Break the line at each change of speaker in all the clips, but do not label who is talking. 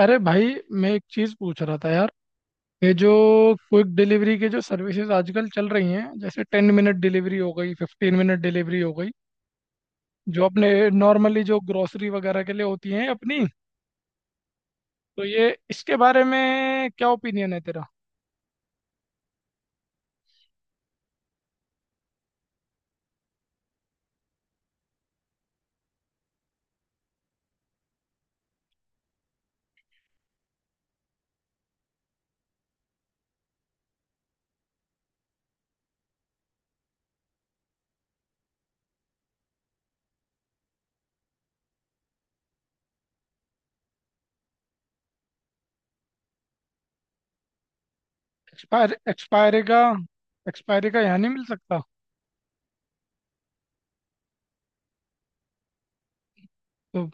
अरे भाई, मैं एक चीज पूछ रहा था यार। ये जो क्विक डिलीवरी के जो सर्विसेज आजकल चल रही हैं, जैसे टेन मिनट डिलीवरी हो गई, फिफ्टीन मिनट डिलीवरी हो गई, जो अपने नॉर्मली जो ग्रोसरी वगैरह के लिए होती हैं अपनी, तो ये इसके बारे में क्या ओपिनियन है तेरा? एक्सपायरी का। एक्सपायरी का यहाँ नहीं मिल सकता। तो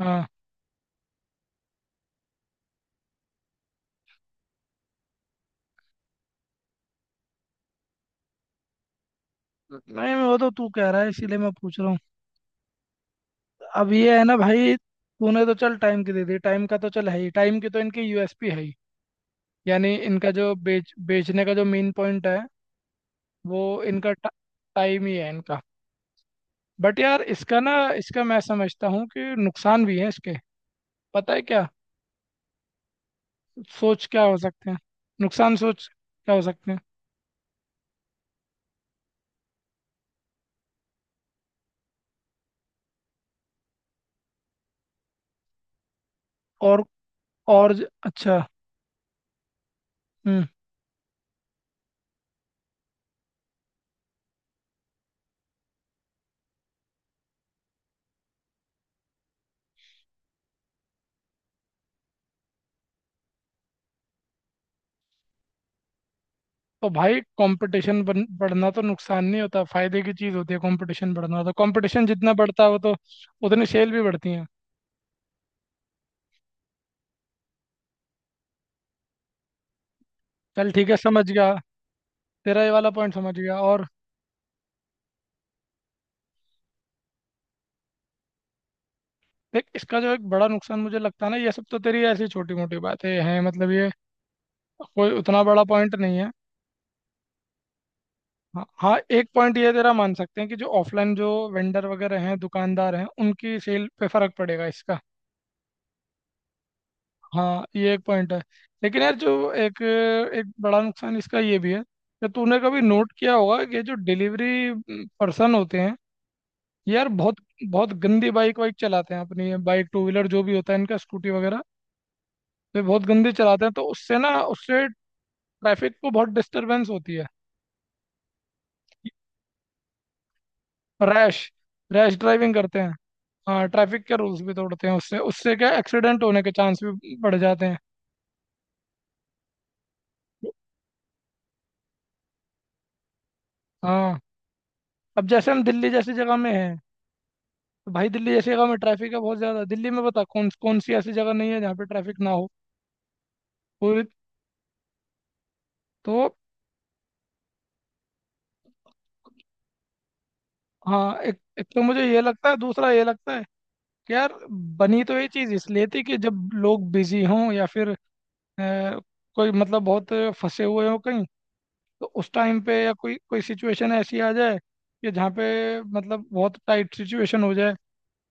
हाँ। नहीं, वो तो तू कह रहा है इसीलिए मैं पूछ रहा हूँ। अब ये है ना भाई, तूने तो चल टाइम की दे दी, टाइम का तो चल है ही, टाइम की तो इनकी यूएसपी है ही। यानी इनका जो बेचने का जो मेन पॉइंट है, वो इनका टाइम ही है इनका। बट यार इसका ना, इसका मैं समझता हूँ कि नुकसान भी है इसके। पता है क्या? सोच क्या हो सकते हैं? नुकसान सोच क्या हो सकते हैं? और, अच्छा। हम्म। तो भाई कंपटीशन बढ़ना तो नुकसान नहीं होता, फायदे की चीज़ होती है। कंपटीशन बढ़ना, तो कंपटीशन जितना बढ़ता है वो तो उतनी सेल भी बढ़ती है। चल ठीक है, समझ गया। तेरा ये वाला पॉइंट समझ गया, और देख इसका जो एक बड़ा नुकसान मुझे लगता है ना, ये सब तो तेरी ऐसी छोटी मोटी बातें हैं, मतलब ये कोई उतना बड़ा पॉइंट नहीं है। हाँ हाँ, एक पॉइंट ये तेरा मान सकते हैं कि जो ऑफलाइन जो वेंडर वगैरह हैं, दुकानदार हैं, उनकी सेल पे फर्क पड़ेगा इसका। हाँ ये एक पॉइंट है। लेकिन यार जो एक, एक बड़ा नुकसान इसका ये भी है कि तूने कभी नोट किया होगा कि जो डिलीवरी पर्सन होते हैं, ये यार बहुत बहुत गंदी बाइक वाइक चलाते हैं, अपनी बाइक टू व्हीलर जो भी होता है इनका, स्कूटी वगैरह, ये बहुत गंदी चलाते हैं। तो उससे ना, उससे ट्रैफिक को बहुत डिस्टरबेंस होती है। रैश, रैश ड्राइविंग करते हैं। हाँ ट्रैफिक के रूल्स भी तोड़ते हैं। उससे, क्या एक्सीडेंट होने के चांस भी बढ़ जाते हैं। हाँ अब जैसे हम दिल्ली जैसी जगह में हैं, तो भाई दिल्ली जैसी जगह में ट्रैफिक है बहुत ज़्यादा। दिल्ली में बता कौन कौन सी ऐसी जगह नहीं है जहाँ पे ट्रैफिक ना हो? पूरी। तो हाँ, एक, एक तो मुझे ये लगता है, दूसरा ये लगता है कि यार बनी तो ये चीज़ इसलिए थी कि जब लोग बिजी हों या फिर अ, कोई मतलब बहुत फंसे हुए हों कहीं। तो उस टाइम पे, या कोई कोई सिचुएशन ऐसी आ जाए कि जहाँ पे मतलब बहुत टाइट सिचुएशन हो जाए,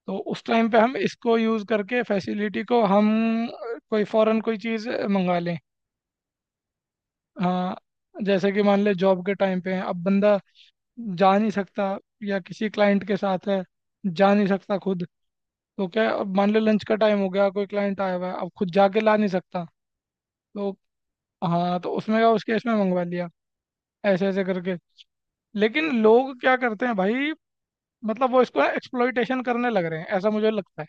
तो उस टाइम पे हम इसको यूज़ करके फैसिलिटी को हम कोई फॉरेन कोई चीज़ मंगा लें। हाँ। जैसे कि मान ले जॉब के टाइम पे हैं, अब बंदा जा नहीं सकता, या किसी क्लाइंट के साथ है, जा नहीं सकता खुद। तो क्या, अब मान ले लंच का टाइम हो गया, कोई क्लाइंट आया हुआ है, अब खुद जाके ला नहीं सकता। तो हाँ, तो उसमें क्या, उस केस में मंगवा लिया, ऐसे ऐसे करके। लेकिन लोग क्या करते हैं भाई, मतलब वो इसको एक्सप्लॉइटेशन करने लग रहे हैं ऐसा मुझे लगता है।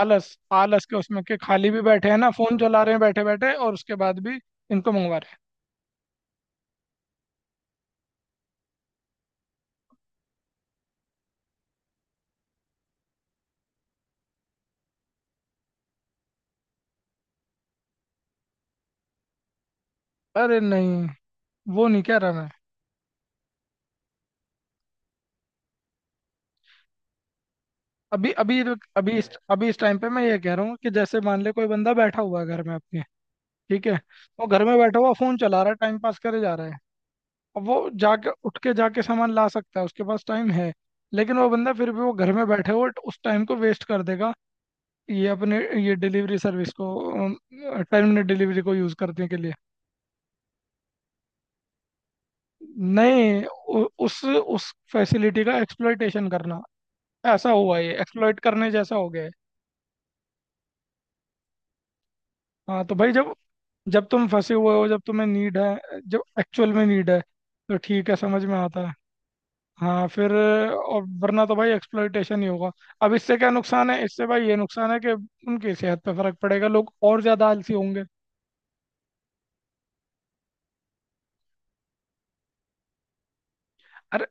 आलस, आलस के उसमें के खाली भी बैठे हैं ना, फोन चला रहे हैं बैठे बैठे, और उसके बाद भी इनको मंगवा रहे हैं। अरे नहीं, वो नहीं कह रहा मैं। अभी अभी तो- अभी इस टाइम पे मैं ये कह रहा हूँ कि जैसे मान ले कोई बंदा बैठा हुआ है घर में अपने, ठीक है, वो घर में बैठा हुआ फोन चला रहा है, टाइम पास करे जा रहा है। अब वो जाके उठ के जाके सामान ला सकता है, उसके पास टाइम है। लेकिन वो बंदा फिर भी वो घर में बैठे हुए उस टाइम को वेस्ट कर देगा, ये अपने ये डिलीवरी सर्विस को, टाइम मिनट डिलीवरी को यूज़ करने के लिए। नहीं उस फैसिलिटी का एक्सप्लॉयटेशन करना, ऐसा हुआ, ये एक्सप्लॉयट करने जैसा हो गया है। हाँ तो भाई जब, जब तुम फंसे हुए हो, जब तुम्हें नीड है, जब एक्चुअल में नीड है, तो ठीक है, समझ में आता है। हाँ फिर, और वरना तो भाई एक्सप्लॉयटेशन ही होगा। अब इससे क्या नुकसान है, इससे भाई ये नुकसान है कि उनकी सेहत पे फर्क पड़ेगा, लोग और ज़्यादा आलसी होंगे। अरे,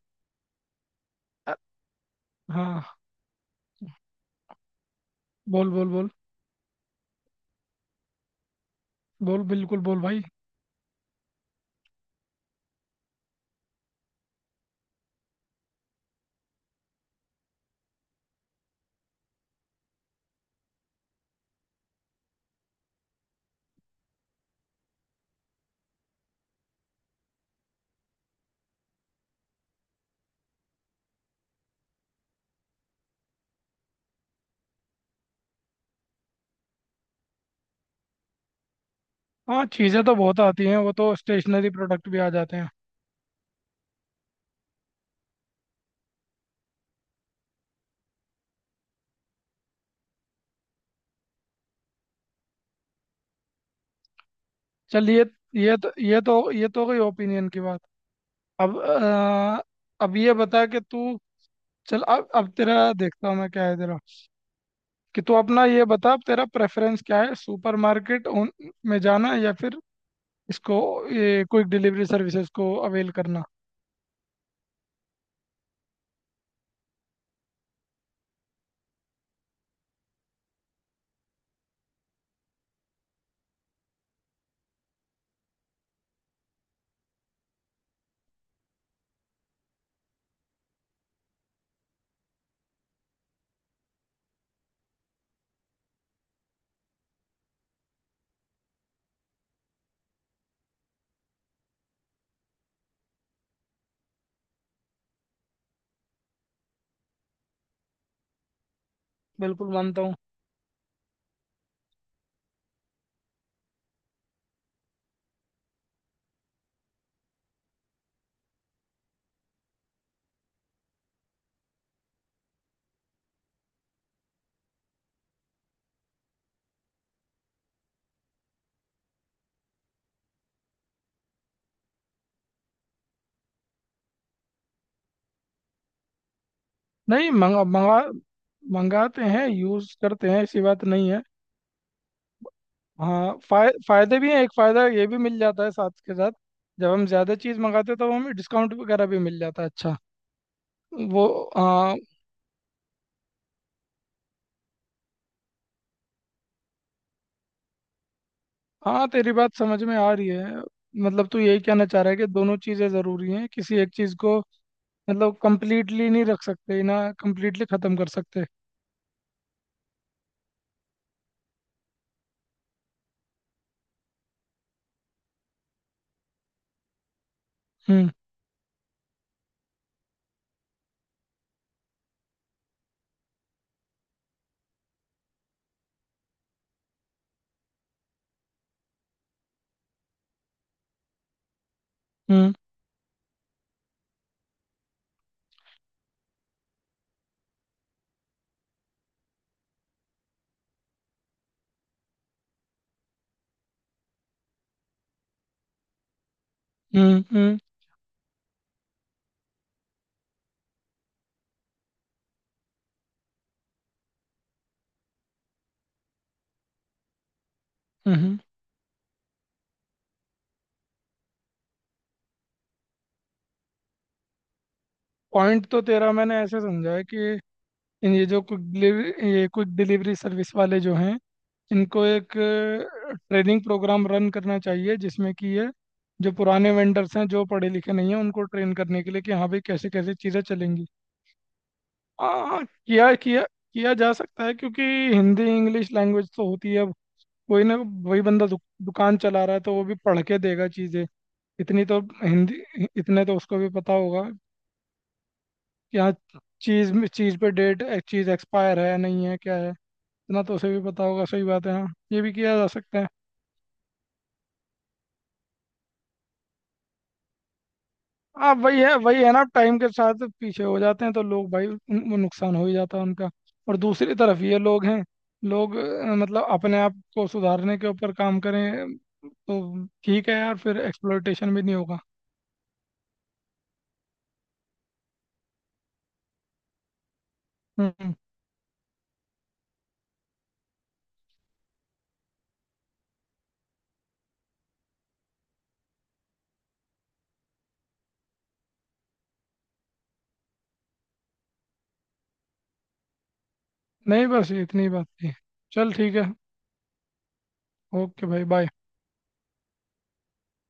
अ- हाँ, बोल बोल बोल। बोल बिल्कुल बोल भाई। हाँ चीज़ें तो बहुत आती हैं, वो तो स्टेशनरी प्रोडक्ट भी आ जाते हैं। चलिए, ये तो गई ओपिनियन की बात। अब अब ये बता कि तू, चल अब तेरा, देखता हूँ मैं क्या है तेरा, कि तू अपना ये बता, अब तेरा प्रेफरेंस क्या है, सुपरमार्केट उन में जाना या फिर इसको, ये क्विक डिलीवरी सर्विसेज को अवेल करना। बिल्कुल मानता हूँ। नहीं मंगा मंगा मंगाते हैं, यूज़ करते हैं, ऐसी बात नहीं है। हाँ फायदे भी हैं, एक फायदा ये भी मिल जाता है साथ के साथ, जब हम ज्यादा चीज मंगाते हैं तो हमें डिस्काउंट वगैरह भी मिल जाता है। अच्छा। वो, हाँ हाँ, तेरी बात समझ में आ रही है। मतलब तू यही कहना चाह रहा है कि दोनों चीजें जरूरी हैं, किसी एक चीज को मतलब कंप्लीटली नहीं रख सकते, ना कंप्लीटली खत्म कर सकते। हम्म हम्म हम्म हम्म हम्म। पॉइंट तो तेरा मैंने ऐसे समझा है कि ये जो क्विक डिलीवरी, ये क्विक डिलीवरी सर्विस वाले जो हैं, इनको एक ट्रेनिंग प्रोग्राम रन करना चाहिए जिसमें कि ये जो पुराने वेंडर्स हैं, जो पढ़े लिखे नहीं हैं, उनको ट्रेन करने के लिए कि हाँ भाई कैसे कैसे चीज़ें चलेंगी। हाँ किया, किया, किया जा सकता है क्योंकि हिंदी इंग्लिश लैंग्वेज तो होती है। अब कोई ना, वही बंदा दुकान चला रहा है तो वो भी पढ़ के देगा चीज़ें। इतनी तो हिंदी, इतने तो उसको भी पता होगा कि हाँ चीज़ पे डेट, चीज़ एक्सपायर है नहीं है क्या है, इतना तो उसे भी पता होगा। सही बात है, हाँ ये भी किया जा सकता है। हाँ वही है, वही है ना, टाइम के साथ पीछे हो जाते हैं तो लोग भाई वो नुकसान हो ही जाता है उनका। और दूसरी तरफ ये लोग हैं, लोग मतलब अपने आप को सुधारने के ऊपर काम करें तो ठीक है यार, फिर एक्सप्लोइटेशन भी नहीं होगा। हम्म। नहीं बस इतनी बात थी। चल ठीक है। ओके भाई, बाय।